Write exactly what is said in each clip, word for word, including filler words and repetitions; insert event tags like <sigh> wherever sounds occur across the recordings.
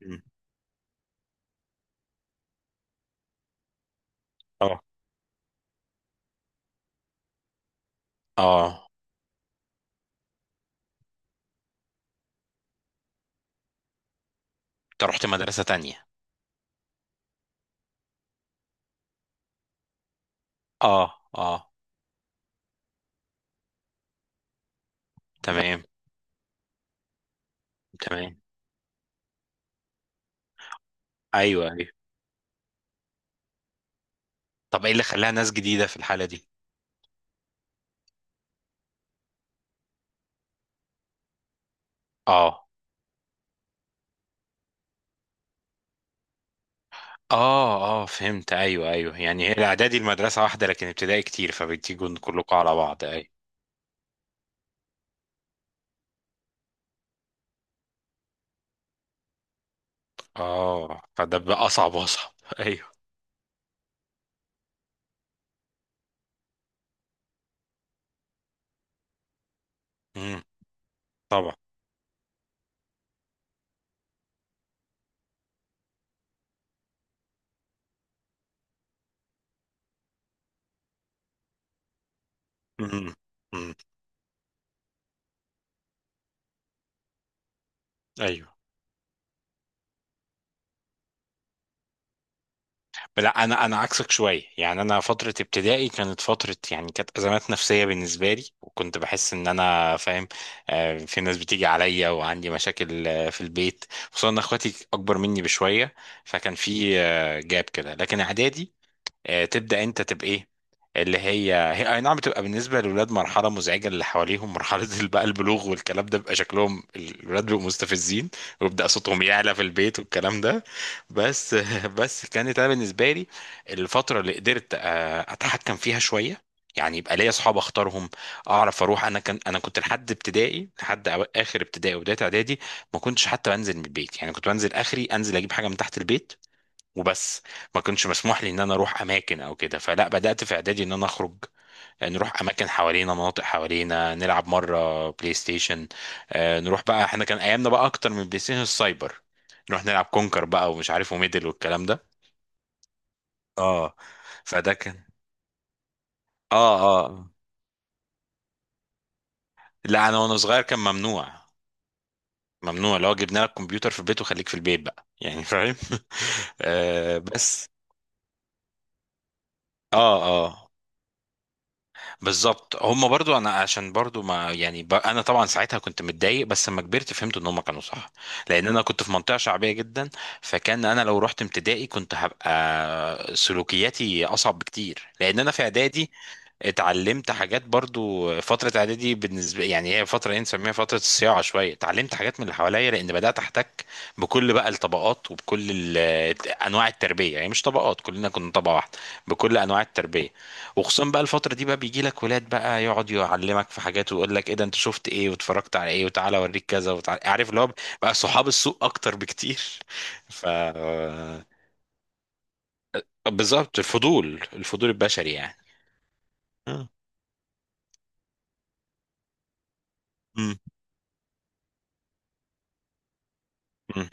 مم. اه اه. انت رحت مدرسة تانية؟ اه اه. تمام تمام. ايوه ايوه. طب ايه اللي خلاها ناس جديدة في الحالة دي؟ اه اه اه، فهمت. ايوه ايوه، يعني هي الاعدادي المدرسة واحدة لكن ابتدائي كتير فبتيجوا كلكم على بعض. ايوه، اه، فده بقى اصعب واصعب. <laughs> ايوه. امم. طبعا. امم امم. ايوه. لا انا انا عكسك شويه. يعني انا فتره ابتدائي كانت فتره يعني كانت ازمات نفسيه بالنسبه لي، وكنت بحس ان انا فاهم. آه، في ناس بتيجي عليا وعندي مشاكل، آه، في البيت، خصوصا ان اخواتي اكبر مني بشويه. فكان في آه، جاب كده. لكن اعدادي آه، تبدأ انت تبقى ايه اللي هي هي اي نعم بتبقى بالنسبة للولاد مرحلة مزعجة، اللي حواليهم مرحلة <laughs> بقى البلوغ والكلام ده، بيبقى شكلهم الولاد بيبقوا مستفزين، ويبدأ صوتهم يعلى في البيت والكلام ده. بس <laughs> بس كانت انا بالنسبة لي الفترة اللي قدرت آه، اتحكم فيها شوية. يعني يبقى ليا اصحاب اختارهم، اعرف اروح. انا كان انا كنت لحد ابتدائي، لحد أو- اخر ابتدائي وبدايه اعدادي ما كنتش حتى بنزل من البيت. يعني كنت بنزل اخري انزل اجيب حاجه من تحت البيت وبس. ما كنتش مسموح لي ان انا اروح اماكن او كده. فلا، بدات في اعدادي ان انا اخرج، يعني نروح اماكن حوالينا، مناطق حوالينا، نلعب مره بلاي ستيشن. آه، نروح بقى. احنا كان ايامنا بقى اكتر من بلاي ستيشن السايبر، نروح نلعب كونكر بقى ومش عارف وميدل والكلام ده. اه، فده كان. اه اه. آه. لا انا وانا صغير كان ممنوع. ممنوع. لو جبنا لك كمبيوتر في البيت وخليك في البيت بقى، يعني فاهم. <laughs> آه بس. اه اه. بالظبط. هم برضو انا عشان برضو ما يعني ب... انا طبعا ساعتها كنت متضايق، بس لما كبرت فهمت ان هم كانوا صح. لان انا كنت في منطقه شعبيه جدا، فكان انا لو رحت ابتدائي كنت هبقى سلوكياتي اصعب بكتير، لان انا في اعدادي اتعلمت حاجات. برضو فترة اعدادي بالنسبة يعني هي فترة ايه نسميها، فترة الصياعة شوية. اتعلمت حاجات من اللي حواليا، لان بدأت احتك بكل بقى الطبقات وبكل ال- انواع التربية. يعني مش طبقات، كلنا كنا طبقة واحدة، بكل انواع التربية. وخصوصا بقى الفترة دي بقى بيجي لك ولاد بقى يقعد يعلمك في حاجات ويقول لك ايه ده، انت شفت ايه واتفرجت على ايه، وتعالى اوريك كذا وتعالى عارف اللي هو. بقى صحاب السوق اكتر بكتير. <laughs> ف بالظبط الفضول، الفضول البشري يعني. مم مم مم.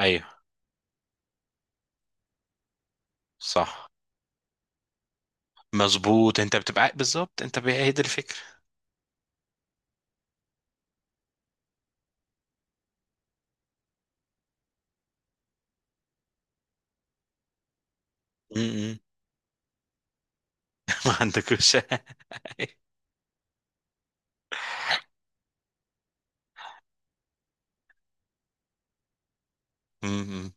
ايوه صح. مظبوط انت بتبقى، بالظبط انت ب- هي دي الفكره. م- م. <laughs> ما عندكوش. <laughs> م- م.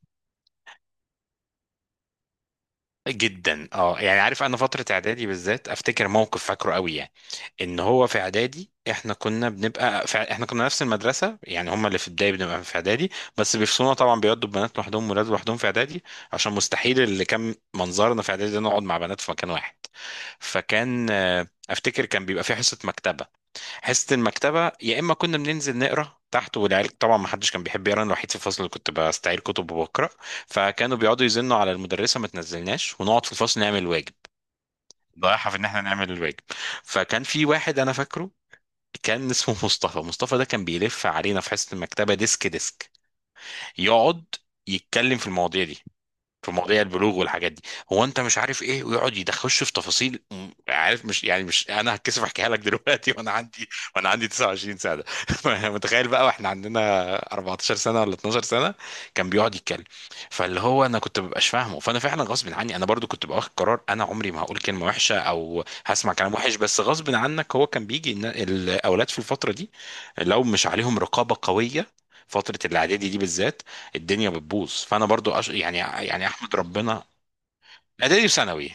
جدا. اه يعني عارف، انا فتره اعدادي بالذات افتكر موقف فاكره قوي، يعني ان هو في اعدادي احنا كنا بنبقى في احنا كنا نفس المدرسه. يعني هم اللي في البدايه بنبقى في اعدادي، بس بيفصلونا طبعا، بيودوا بنات لوحدهم ولاد لوحدهم في اعدادي، عشان مستحيل اللي كان منظرنا في اعدادي ده نقعد مع بنات في مكان واحد. فكان آه، افتكر كان بيبقى في حصه مكتبه. حصة المكتبة يا إما كنا بننزل نقرا تحت، والعيال طبعا ما حدش كان بيحب يقرا، أنا الوحيد في الفصل اللي كنت بستعير كتب وبقرا، فكانوا بيقعدوا يزنوا على المدرسة ما تنزلناش ونقعد في الفصل نعمل الواجب. ضايعها في إن إحنا نعمل الواجب. فكان في واحد أنا فاكره، كان اسمه مصطفى. مصطفى ده كان بيلف علينا في حصة المكتبة ديسك ديسك، يقعد يتكلم في المواضيع دي، في مواضيع البلوغ والحاجات دي. هو انت مش عارف ايه، ويقعد يدخلش في تفاصيل م- عارف، مش يعني مش انا هتكسف احكيها لك دلوقتي. وانا عندي وانا عندي تسعة وعشرين سنه. <laughs> متخيل بقى واحنا عندنا اربعتاشر سنه ولا اتناشر سنه كان بيقعد يتكلم! فاللي هو انا كنت مبقاش فاهمه، فانا فعلا غصب عني. انا برضو كنت باخد قرار انا عمري ما هقول كلمه وحشه او هسمع كلام وحش، بس غصب عنك. هو كان بيجي إن الاولاد في الفتره دي لو مش عليهم رقابه قويه، فترة الإعدادي دي بالذات، الدنيا بتبوظ. فانا برضو أش... يعني يعني احمد ربنا. اعدادي وثانوي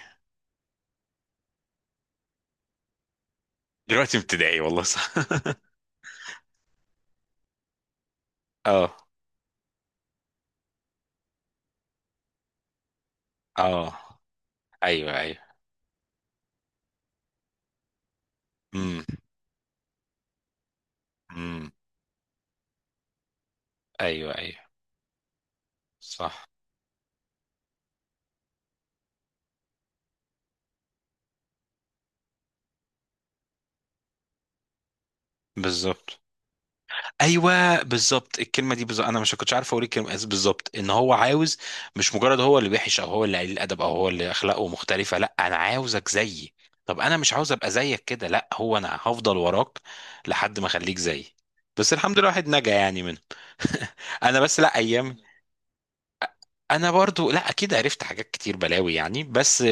دلوقتي ابتدائي، والله صح. <laughs> اه اه. ايوه ايوه. امم امم. ايوه ايوه. صح. بالظبط. ايوه بالظبط الكلمه دي، بالظبط. انا مش كنتش عارف اقول الكلمه إز- بالظبط، ان هو عاوز، مش مجرد هو اللي وحش او هو اللي قليل الادب او هو اللي اخلاقه مختلفه، لا انا عاوزك زيي. طب انا مش عاوز ابقى زيك، كده لا، هو انا هفضل وراك لحد ما اخليك زيي. بس الحمد لله الواحد نجا يعني منه. انا بس لا، ايام، انا برضو لا اكيد عرفت حاجات كتير، بلاوي يعني، بس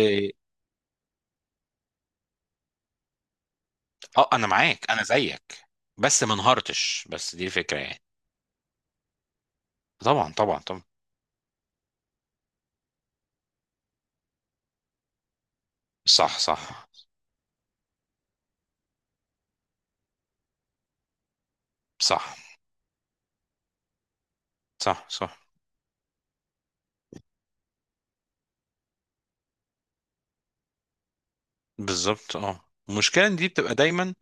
اه انا معاك، انا زيك، بس ما انهارتش، بس دي الفكره يعني. طبعا طبعا طبعا. صح صح. صح صح صح. بالظبط اه. المشكله إن دي بتبقى دايما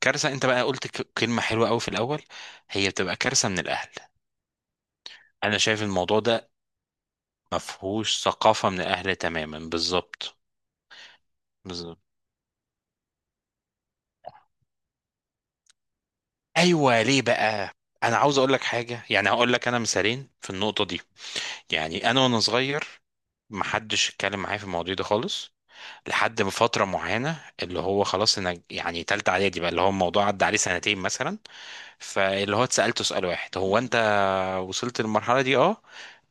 كارثه. انت بقى قلت ك- كلمه حلوه قوي في الاول، هي بتبقى كارثه من الاهل. انا شايف الموضوع ده ما فيهوش ثقافه من الاهل تماما، بالظبط. بالظبط. ايوه، ليه بقى؟ انا عاوز اقول لك حاجه، يعني هقول لك انا مثالين في النقطه دي. يعني انا وانا صغير محدش اتكلم معايا في المواضيع دي خالص، لحد ما فترة معينة اللي هو خلاص انا يعني تالتة اعدادي بقى، اللي هو الموضوع عدى عليه سنتين مثلا، فاللي هو اتسألته سؤال واحد: هو انت وصلت للمرحلة دي؟ اه.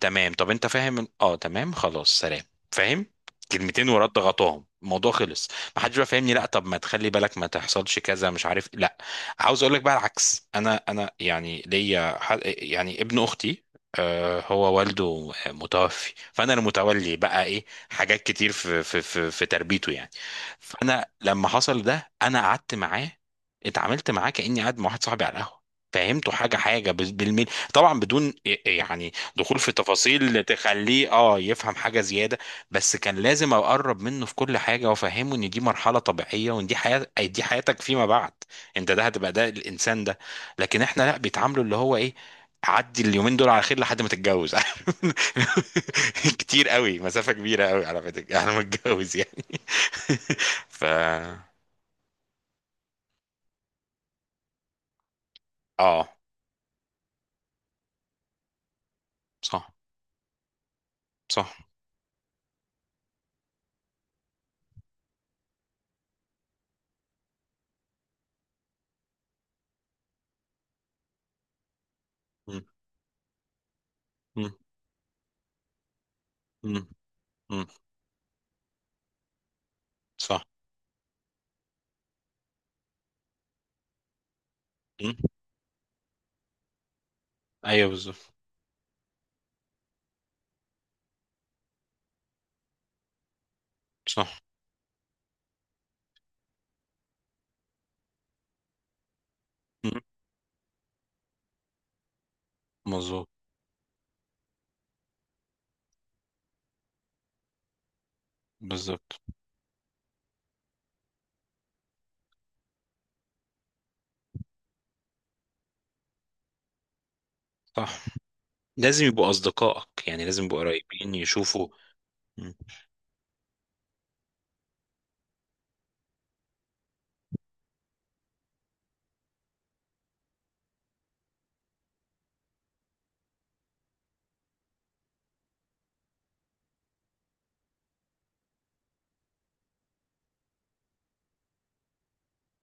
تمام. طب انت فاهم ال- اه تمام خلاص سلام. فاهم؟ كلمتين ورا ضغطاهم، الموضوع خلص. ما حدش بقى فاهمني، لا طب ما تخلي بالك ما تحصلش كذا، مش عارف، لا. عاوز اقول لك بقى العكس. انا انا يعني ليا ح- يعني ابن اختي، آه، هو والده متوفي، فانا المتولي بقى ايه حاجات كتير في في في, في تربيته يعني. فانا لما حصل ده انا قعدت معاه، اتعاملت معاه كاني قاعد مع واحد صاحبي على القهوه، فهمته حاجه حاجه بال- بالملي. طبعا بدون يعني دخول في تفاصيل تخليه اه يفهم حاجه زياده، بس كان لازم اقرب منه في كل حاجه وافهمه ان دي مرحله طبيعيه، وان دي حياه، دي حياتك فيما بعد، انت ده هتبقى ده الانسان ده. لكن احنا لا، بيتعاملوا اللي هو ايه، عدي اليومين دول على خير لحد ما تتجوز. <laughs> كتير قوي، مسافه كبيره قوي على ما تتج- على ما تتجوز يعني. <laughs> ف اه. صح صح. مم مم مم مم. صح. مم. ايوه بالظبط. صح. مظبوط. بالظبط. صح. لازم يبقوا أصدقائك، يعني لازم يبقوا قريبين، يشوفوا.